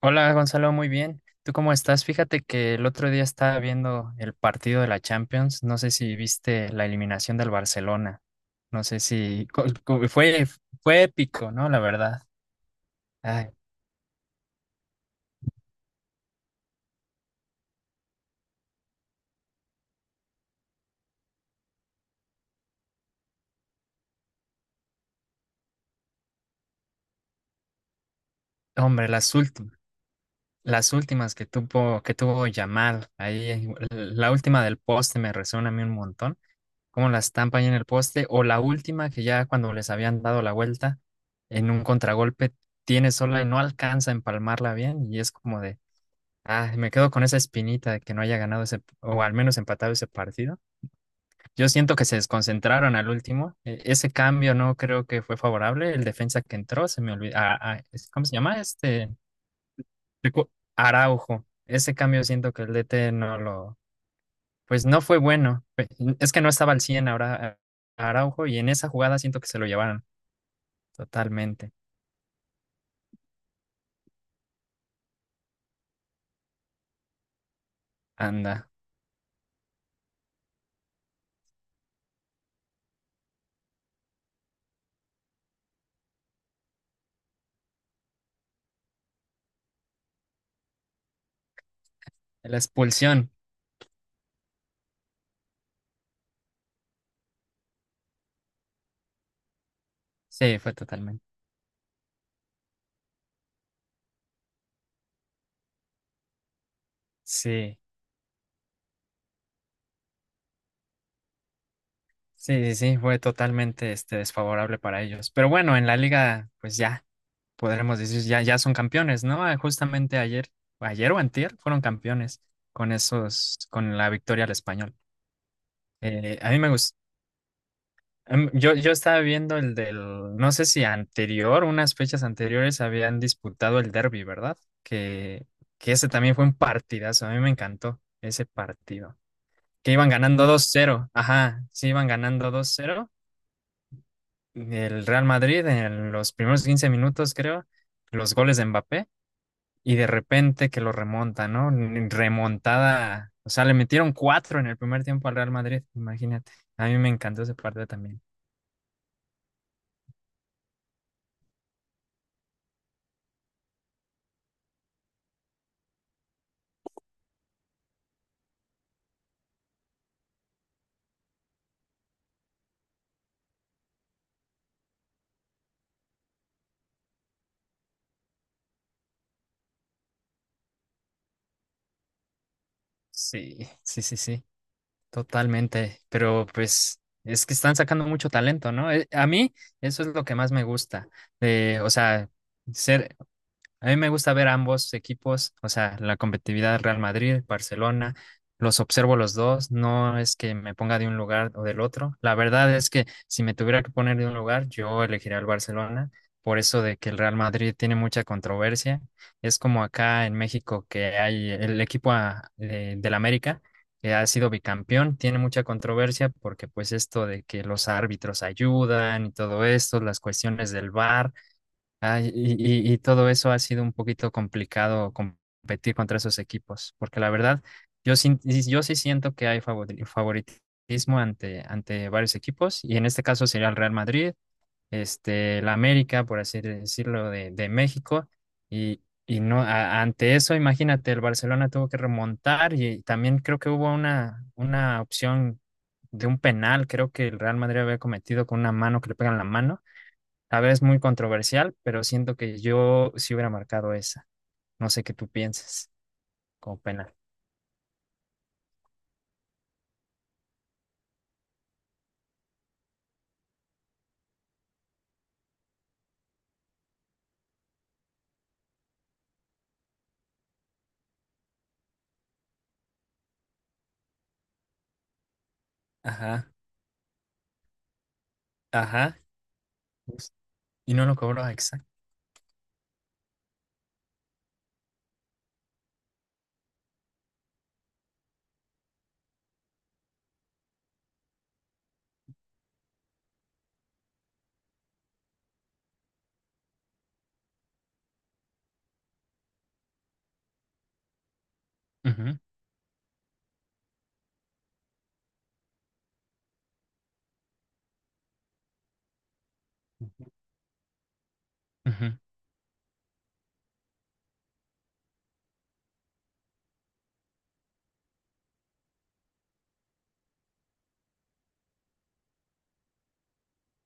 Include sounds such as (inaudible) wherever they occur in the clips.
Hola Gonzalo, muy bien. ¿Tú cómo estás? Fíjate que el otro día estaba viendo el partido de la Champions. No sé si viste la eliminación del Barcelona. No sé si co- co- fue, Fue épico, ¿no? La verdad. Ay, hombre, las últimas que tuvo Yamal ahí, la última del poste me resuena a mí un montón. Cómo la estampa ahí en el poste, o la última que ya cuando les habían dado la vuelta en un contragolpe tiene sola y no alcanza a empalmarla bien, y es como de... Ah, me quedo con esa espinita de que no haya ganado ese, o al menos empatado ese partido. Yo siento que se desconcentraron al último. Ese cambio no creo que fue favorable. El defensa que entró, se me olvidó. ¿Cómo se llama? Recu- Araujo. Ese cambio siento que el DT no lo, pues no fue bueno. Es que no estaba al 100 ahora Araujo, y en esa jugada siento que se lo llevaron totalmente. Anda. La expulsión. Sí, fue totalmente. Sí. Sí, fue totalmente, este, desfavorable para ellos. Pero bueno, en la liga, pues ya, podremos decir, ya son campeones, ¿no? Ah, justamente ayer o antier, fueron campeones con la victoria al Español. A mí me gustó. Yo estaba viendo el del, no sé si anterior, unas fechas anteriores habían disputado el derby, ¿verdad? Que, que ese también fue un partidazo, a mí me encantó ese partido. Que iban ganando 2-0, ajá, sí, iban ganando 2-0 del Real Madrid en los primeros 15 minutos, creo, los goles de Mbappé, y de repente que lo remonta, ¿no? Remontada, o sea, le metieron cuatro en el primer tiempo al Real Madrid, imagínate. A mí me encantó ese partido también. Sí, sí, totalmente. Pero pues es que están sacando mucho talento, ¿no? A mí eso es lo que más me gusta. De, o sea, ser A mí me gusta ver ambos equipos, o sea, la competitividad Real Madrid, Barcelona, los observo los dos, no es que me ponga de un lugar o del otro. La verdad es que si me tuviera que poner de un lugar, yo elegiría el Barcelona, por eso de que el Real Madrid tiene mucha controversia. Es como acá en México que hay el equipo del América, que ha sido bicampeón, tiene mucha controversia porque pues esto de que los árbitros ayudan y todo esto, las cuestiones del VAR. Ah, y todo eso ha sido un poquito complicado competir contra esos equipos, porque la verdad, yo sí siento que hay favoritismo ante varios equipos, y en este caso sería el Real Madrid, este, la América, por así decirlo, de México, y, y no, ante eso, imagínate, el Barcelona tuvo que remontar, y también creo que hubo una opción de un penal, creo que el Real Madrid había cometido con una mano, que le pegan la mano, a ver, es muy controversial, pero siento que yo sí hubiera marcado esa. No sé qué tú pienses, como penal. Ajá, ajá. Pues, y no lo cobró, exacto. Ujú, ujú.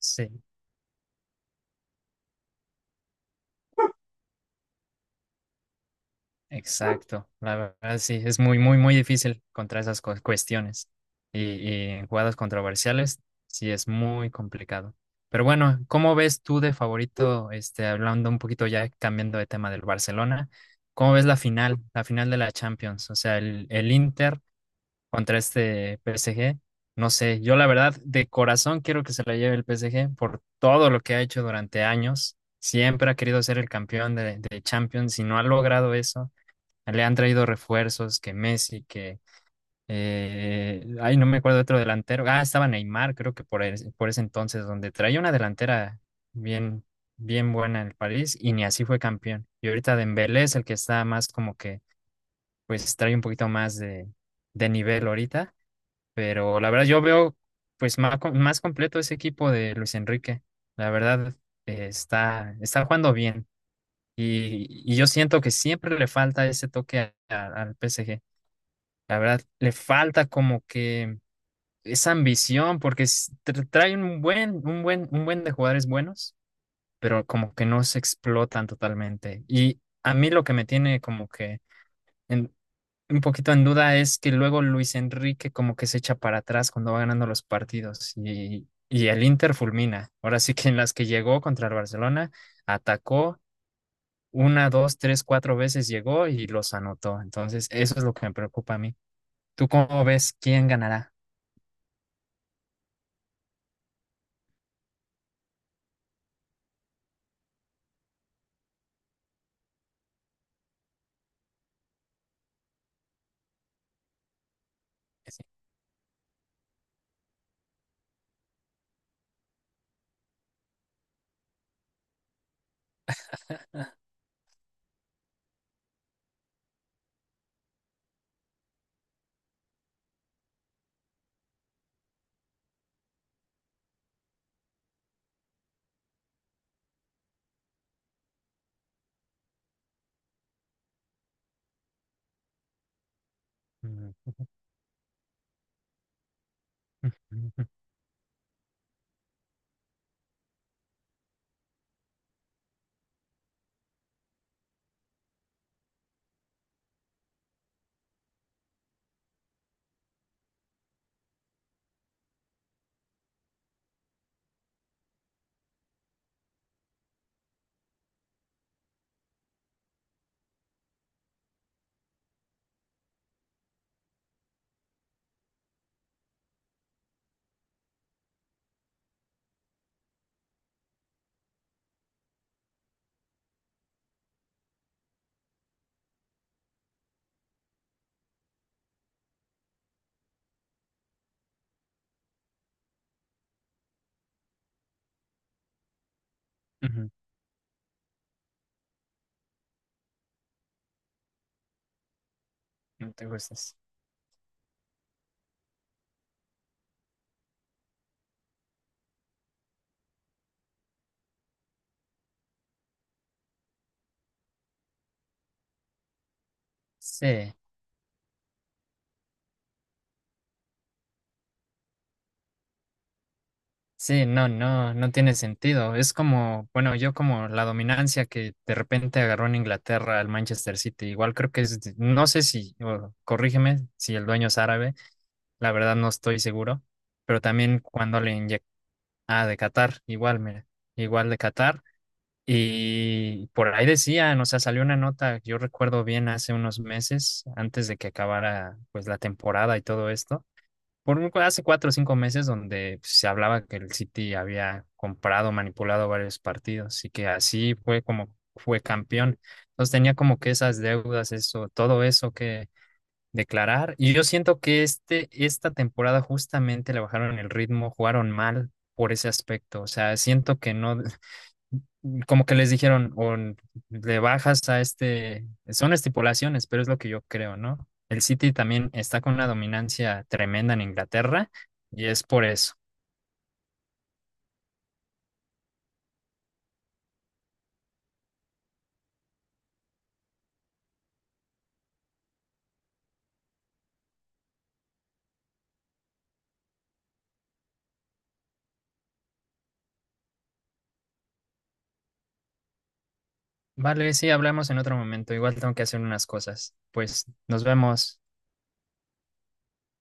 Sí, exacto. La verdad, sí, es muy difícil contra esas cuestiones. Y en jugadas controversiales, sí, es muy complicado. Pero bueno, ¿cómo ves tú de favorito, este, hablando un poquito ya, cambiando de tema del Barcelona? ¿Cómo ves la final de la Champions? O sea, el Inter contra este PSG. No sé, yo la verdad de corazón quiero que se la lleve el PSG por todo lo que ha hecho durante años. Siempre ha querido ser el campeón de Champions y no ha logrado eso. Le han traído refuerzos, que Messi, que... ay, no me acuerdo de otro delantero. Ah, estaba Neymar, creo que por, por ese entonces, donde traía una delantera bien, bien buena en el París y ni así fue campeón. Y ahorita Dembélé es el que está más como que, pues trae un poquito más de nivel ahorita, pero la verdad yo veo pues más, más completo ese equipo de Luis Enrique. La verdad, está jugando bien, y yo siento que siempre le falta ese toque al PSG. La verdad le falta como que esa ambición porque trae un buen, un buen de jugadores buenos, pero como que no se explotan totalmente. Y a mí lo que me tiene como que en- un poquito en duda es que luego Luis Enrique como que se echa para atrás cuando va ganando los partidos, y el Inter fulmina. Ahora sí que en las que llegó contra el Barcelona, atacó una, dos, tres, cuatro veces, llegó y los anotó. Entonces, eso es lo que me preocupa a mí. ¿Tú cómo ves quién ganará? Sí. Ujú, ujú. No te gustas. Sí. Sí, no, no tiene sentido. Es como, bueno, yo como la dominancia que de repente agarró en Inglaterra al Manchester City. Igual creo que es, no sé si, o corrígeme si el dueño es árabe, la verdad no estoy seguro, pero también cuando le inyectó, ah, de Qatar, igual, mira, igual de Qatar. Y por ahí decían, o sea, salió una nota, yo recuerdo bien hace unos meses, antes de que acabara pues la temporada y todo esto, hace 4 o 5 meses, donde pues se hablaba que el City había comprado, manipulado varios partidos y que así fue como fue campeón. Entonces tenía como que esas deudas, eso, todo eso que declarar. Y yo siento que esta temporada justamente le bajaron el ritmo, jugaron mal por ese aspecto. O sea, siento que no, (laughs) como que les dijeron, le bajas a este, son estipulaciones, pero es lo que yo creo, ¿no? El City también está con una dominancia tremenda en Inglaterra y es por eso. Vale, sí, hablamos en otro momento. Igual tengo que hacer unas cosas. Pues nos vemos.